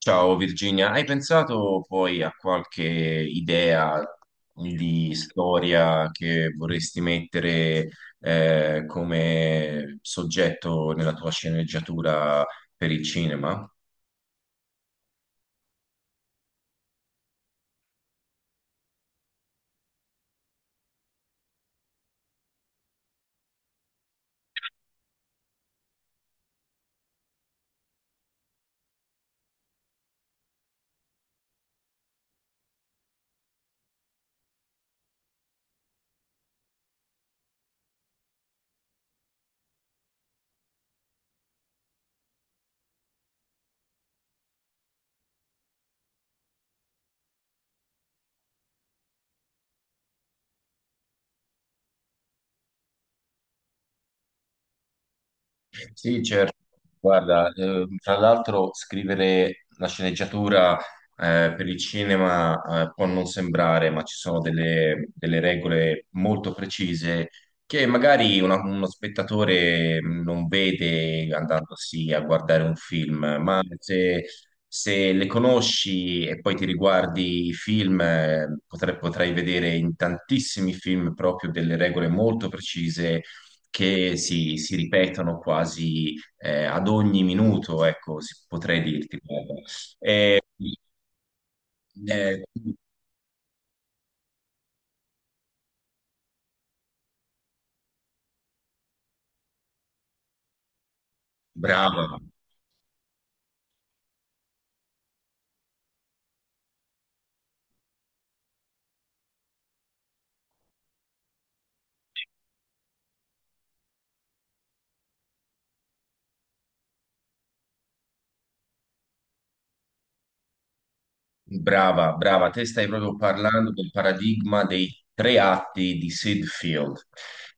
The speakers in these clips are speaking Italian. Ciao Virginia, hai pensato poi a qualche idea di storia che vorresti mettere come soggetto nella tua sceneggiatura per il cinema? Sì, certo. Guarda, tra l'altro scrivere la sceneggiatura per il cinema può non sembrare, ma ci sono delle regole molto precise che magari uno spettatore non vede andandosi a guardare un film, ma se le conosci e poi ti riguardi i film, potrai vedere in tantissimi film proprio delle regole molto precise che si ripetono quasi ad ogni minuto, ecco, potrei dirti, guarda. Eh, eh, brava, brava, te stai proprio parlando del paradigma dei tre atti di Sid Field,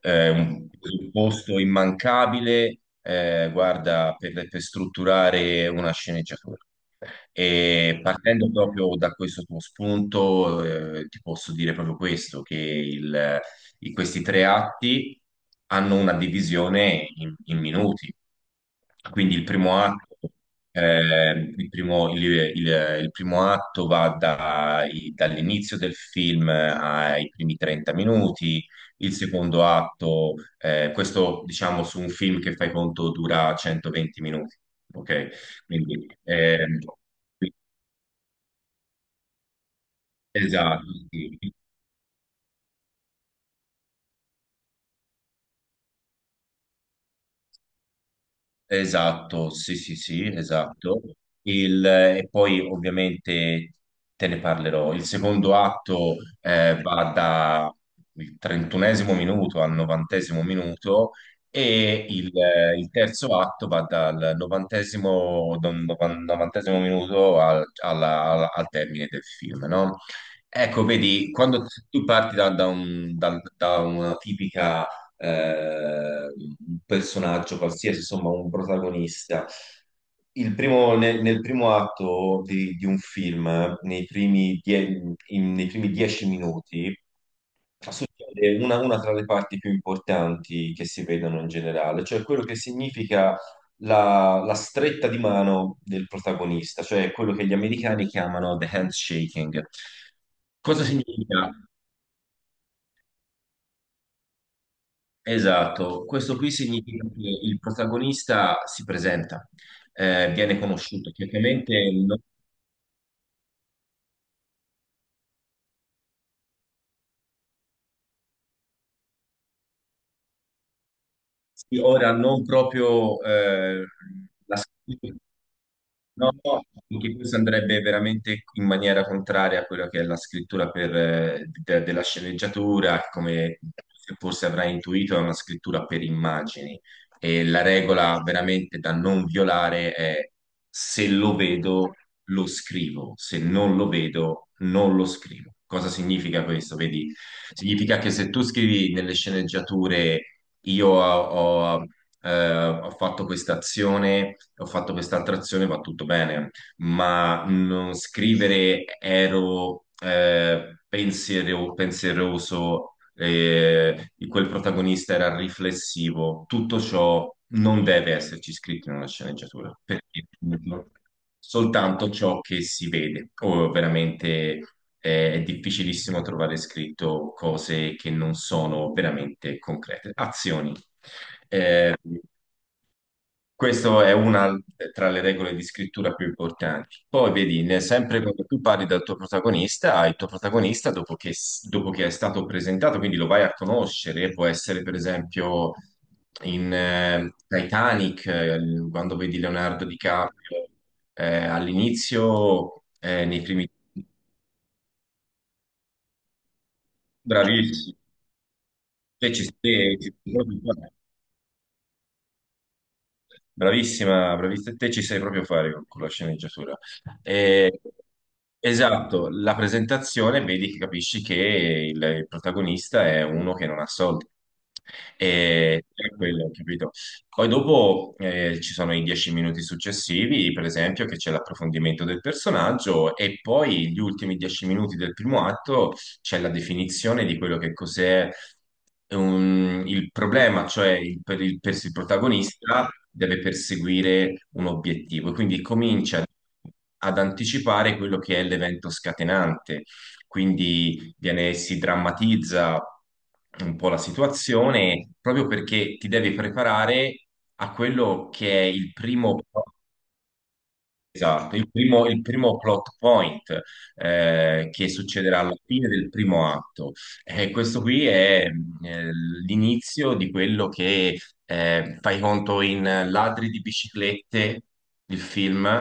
un presupposto immancabile, guarda, per strutturare una sceneggiatura. E partendo proprio da questo tuo spunto, ti posso dire proprio questo, che questi tre atti hanno una divisione in minuti. Quindi il primo atto, eh, il primo, il- il primo atto va dall'inizio del film ai primi 30 minuti, il secondo atto, questo diciamo su un film che fai conto dura 120 minuti, ok? Quindi, esatto, sì. Esatto, sì, sì, sì, esatto. E poi ovviamente te ne parlerò. Il secondo atto va dal 31esimo minuto al 90esimo minuto e il terzo atto va dal 90esimo minuto al termine del film, no? Ecco, vedi, quando tu parti da una tipica un personaggio qualsiasi, insomma un protagonista. Nel primo atto di un film, nei primi 10 minuti succede una tra le parti più importanti che si vedono in generale, cioè quello che significa la stretta di mano del protagonista, cioè quello che gli americani chiamano the handshaking. Cosa significa? Esatto, questo qui significa che il protagonista si presenta, viene conosciuto, chiaramente sì, ora non proprio. La No, no, perché questo andrebbe veramente in maniera contraria a quello che è la scrittura per, della sceneggiatura, che come forse avrai intuito, è una scrittura per immagini. E la regola veramente da non violare è: se lo vedo, lo scrivo, se non lo vedo, non lo scrivo. Cosa significa questo? Vedi, significa che se tu scrivi nelle sceneggiature io ho, ho fatto questa azione, ho fatto quest'altra azione, va tutto bene, ma non scrivere ero pensieroso, quel protagonista era riflessivo. Tutto ciò non deve esserci scritto in una sceneggiatura, perché soltanto ciò che si vede, o veramente è difficilissimo trovare scritto cose che non sono veramente concrete, azioni. Eh, questa è una tra le regole di scrittura più importanti. Poi vedi, sempre quando tu parli dal tuo protagonista, il tuo protagonista, dopo che, dopo che è stato presentato, quindi lo vai a conoscere, può essere per esempio in Titanic, quando vedi Leonardo DiCaprio, all'inizio, nei primi... Bravissimo. Ci stai proprio qua. Bravissima, bravissima, te ci sai proprio fare con la sceneggiatura. Eh, esatto, la presentazione vedi che capisci che il protagonista è uno che non ha soldi. E è quello, capito? Poi dopo ci sono i 10 minuti successivi, per esempio, che c'è l'approfondimento del personaggio, e poi gli ultimi 10 minuti del primo atto c'è la definizione di quello che cos'è il problema, cioè per il protagonista deve perseguire un obiettivo, quindi comincia ad anticipare quello che è l'evento scatenante, quindi si drammatizza un po' la situazione proprio perché ti devi preparare a quello che è il primo. Esatto, il primo plot point che succederà alla fine del primo atto. E questo qui è l'inizio di quello che, fai conto in Ladri di biciclette, il film,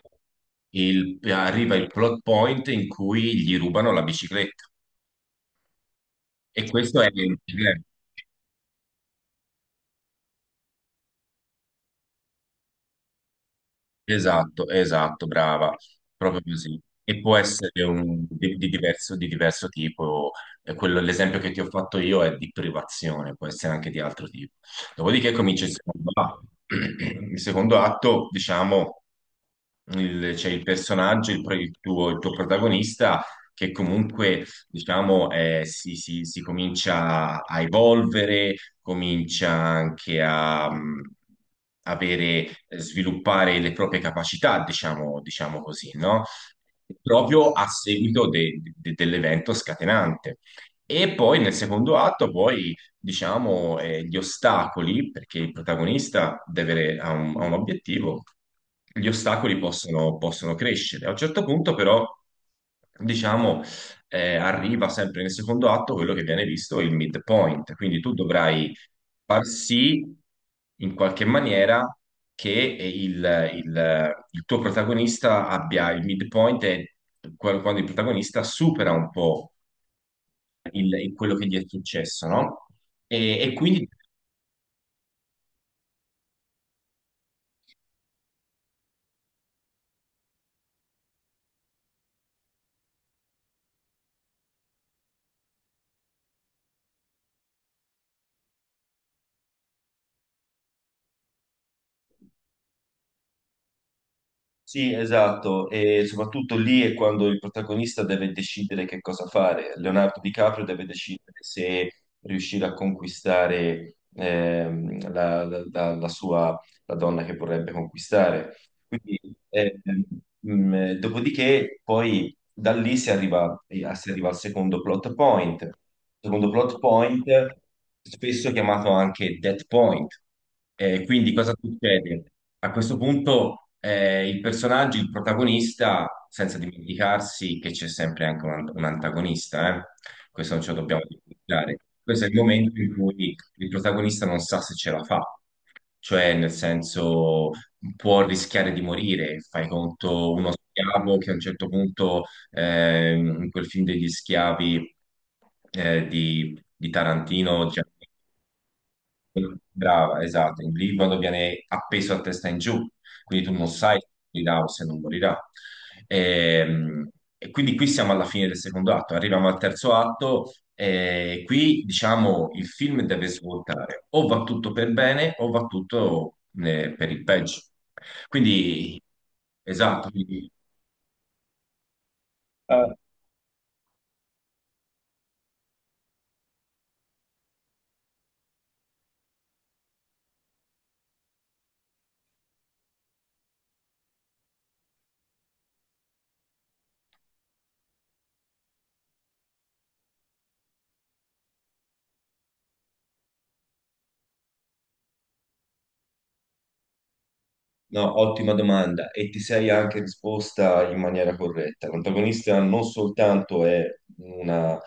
arriva il plot point in cui gli rubano la bicicletta. E questo è il problema. Esatto, esatto, brava, proprio così. E può essere di diverso tipo. L'esempio che ti ho fatto io è di privazione, può essere anche di altro tipo. Dopodiché comincia il secondo atto. Il secondo atto, diciamo, c'è il personaggio, il tuo protagonista, che comunque, diciamo, si comincia a evolvere, comincia anche a avere, sviluppare le proprie capacità, diciamo, diciamo così, no? Proprio a seguito dell'evento scatenante. E poi nel secondo atto, poi, diciamo, gli ostacoli, perché il protagonista deve ha un obiettivo, gli ostacoli possono crescere. A un certo punto, però, diciamo, arriva sempre nel secondo atto quello che viene visto il midpoint. Quindi tu dovrai far sì in qualche maniera che il tuo protagonista abbia il midpoint, e quando il protagonista supera un po' quello che gli è successo, no? E quindi sì, esatto, e soprattutto lì è quando il protagonista deve decidere che cosa fare. Leonardo DiCaprio deve decidere se riuscire a conquistare la sua, la donna che vorrebbe conquistare. Quindi, eh, dopodiché, poi da lì si arriva al secondo plot point. Secondo plot point, spesso chiamato anche dead point. Quindi cosa succede? A questo punto il personaggio, il protagonista, senza dimenticarsi che c'è sempre anche un antagonista, eh? Questo non ce lo dobbiamo dimenticare. Questo è il momento in cui il protagonista non sa se ce la fa, cioè nel senso può rischiare di morire, fai conto uno schiavo che a un certo punto, in quel film degli schiavi di Tarantino. Brava, esatto. Il liquido viene appeso a testa in giù, quindi tu non sai se morirà o se non morirà. Ehm, E quindi qui siamo alla fine del secondo atto, arriviamo al terzo atto e qui diciamo il film deve svoltare, o va tutto per bene o va tutto per il peggio. Quindi, esatto, quindi no, ottima domanda e ti sei anche risposta in maniera corretta. L'antagonista non soltanto è una,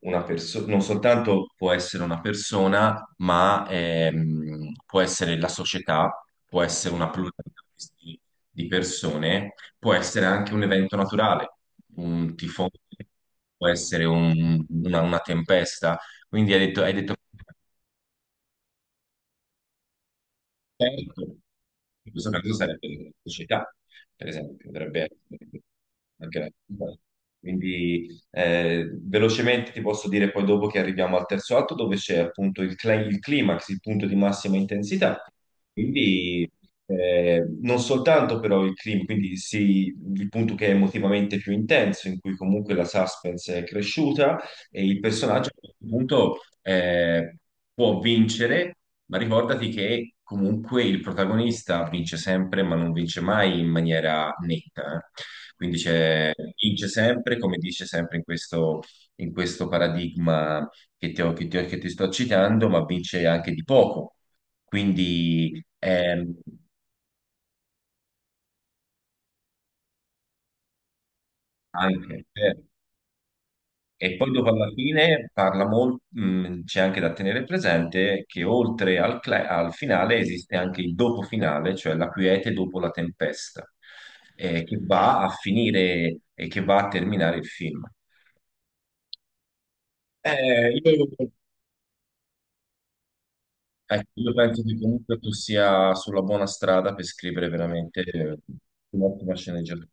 una persona, non soltanto può essere una persona, ma può essere la società, può essere una pluralità di di persone, può essere anche un evento naturale, un tifone, può essere una tempesta. Quindi hai detto certo, in questo caso sarebbe l'elettricità, per esempio, potrebbe essere anche la- quindi, velocemente ti posso dire poi dopo che arriviamo al terzo atto dove c'è appunto il climax, il punto di massima intensità. Quindi non soltanto però il clima, quindi sì, il punto che è emotivamente più intenso, in cui comunque la suspense è cresciuta e il personaggio a questo punto può vincere, ma ricordati che comunque il protagonista vince sempre, ma non vince mai in maniera netta, quindi vince sempre, come dice sempre in questo paradigma che ti sto citando, ma vince anche di poco. Quindi anche. E poi dopo alla fine parla c'è anche da tenere presente che oltre al, al finale esiste anche il dopo finale, cioè la quiete dopo la tempesta, che va a finire e che va a terminare il film. Eh, io, ecco, io penso che comunque tu sia sulla buona strada per scrivere veramente un'ottima sceneggiatura.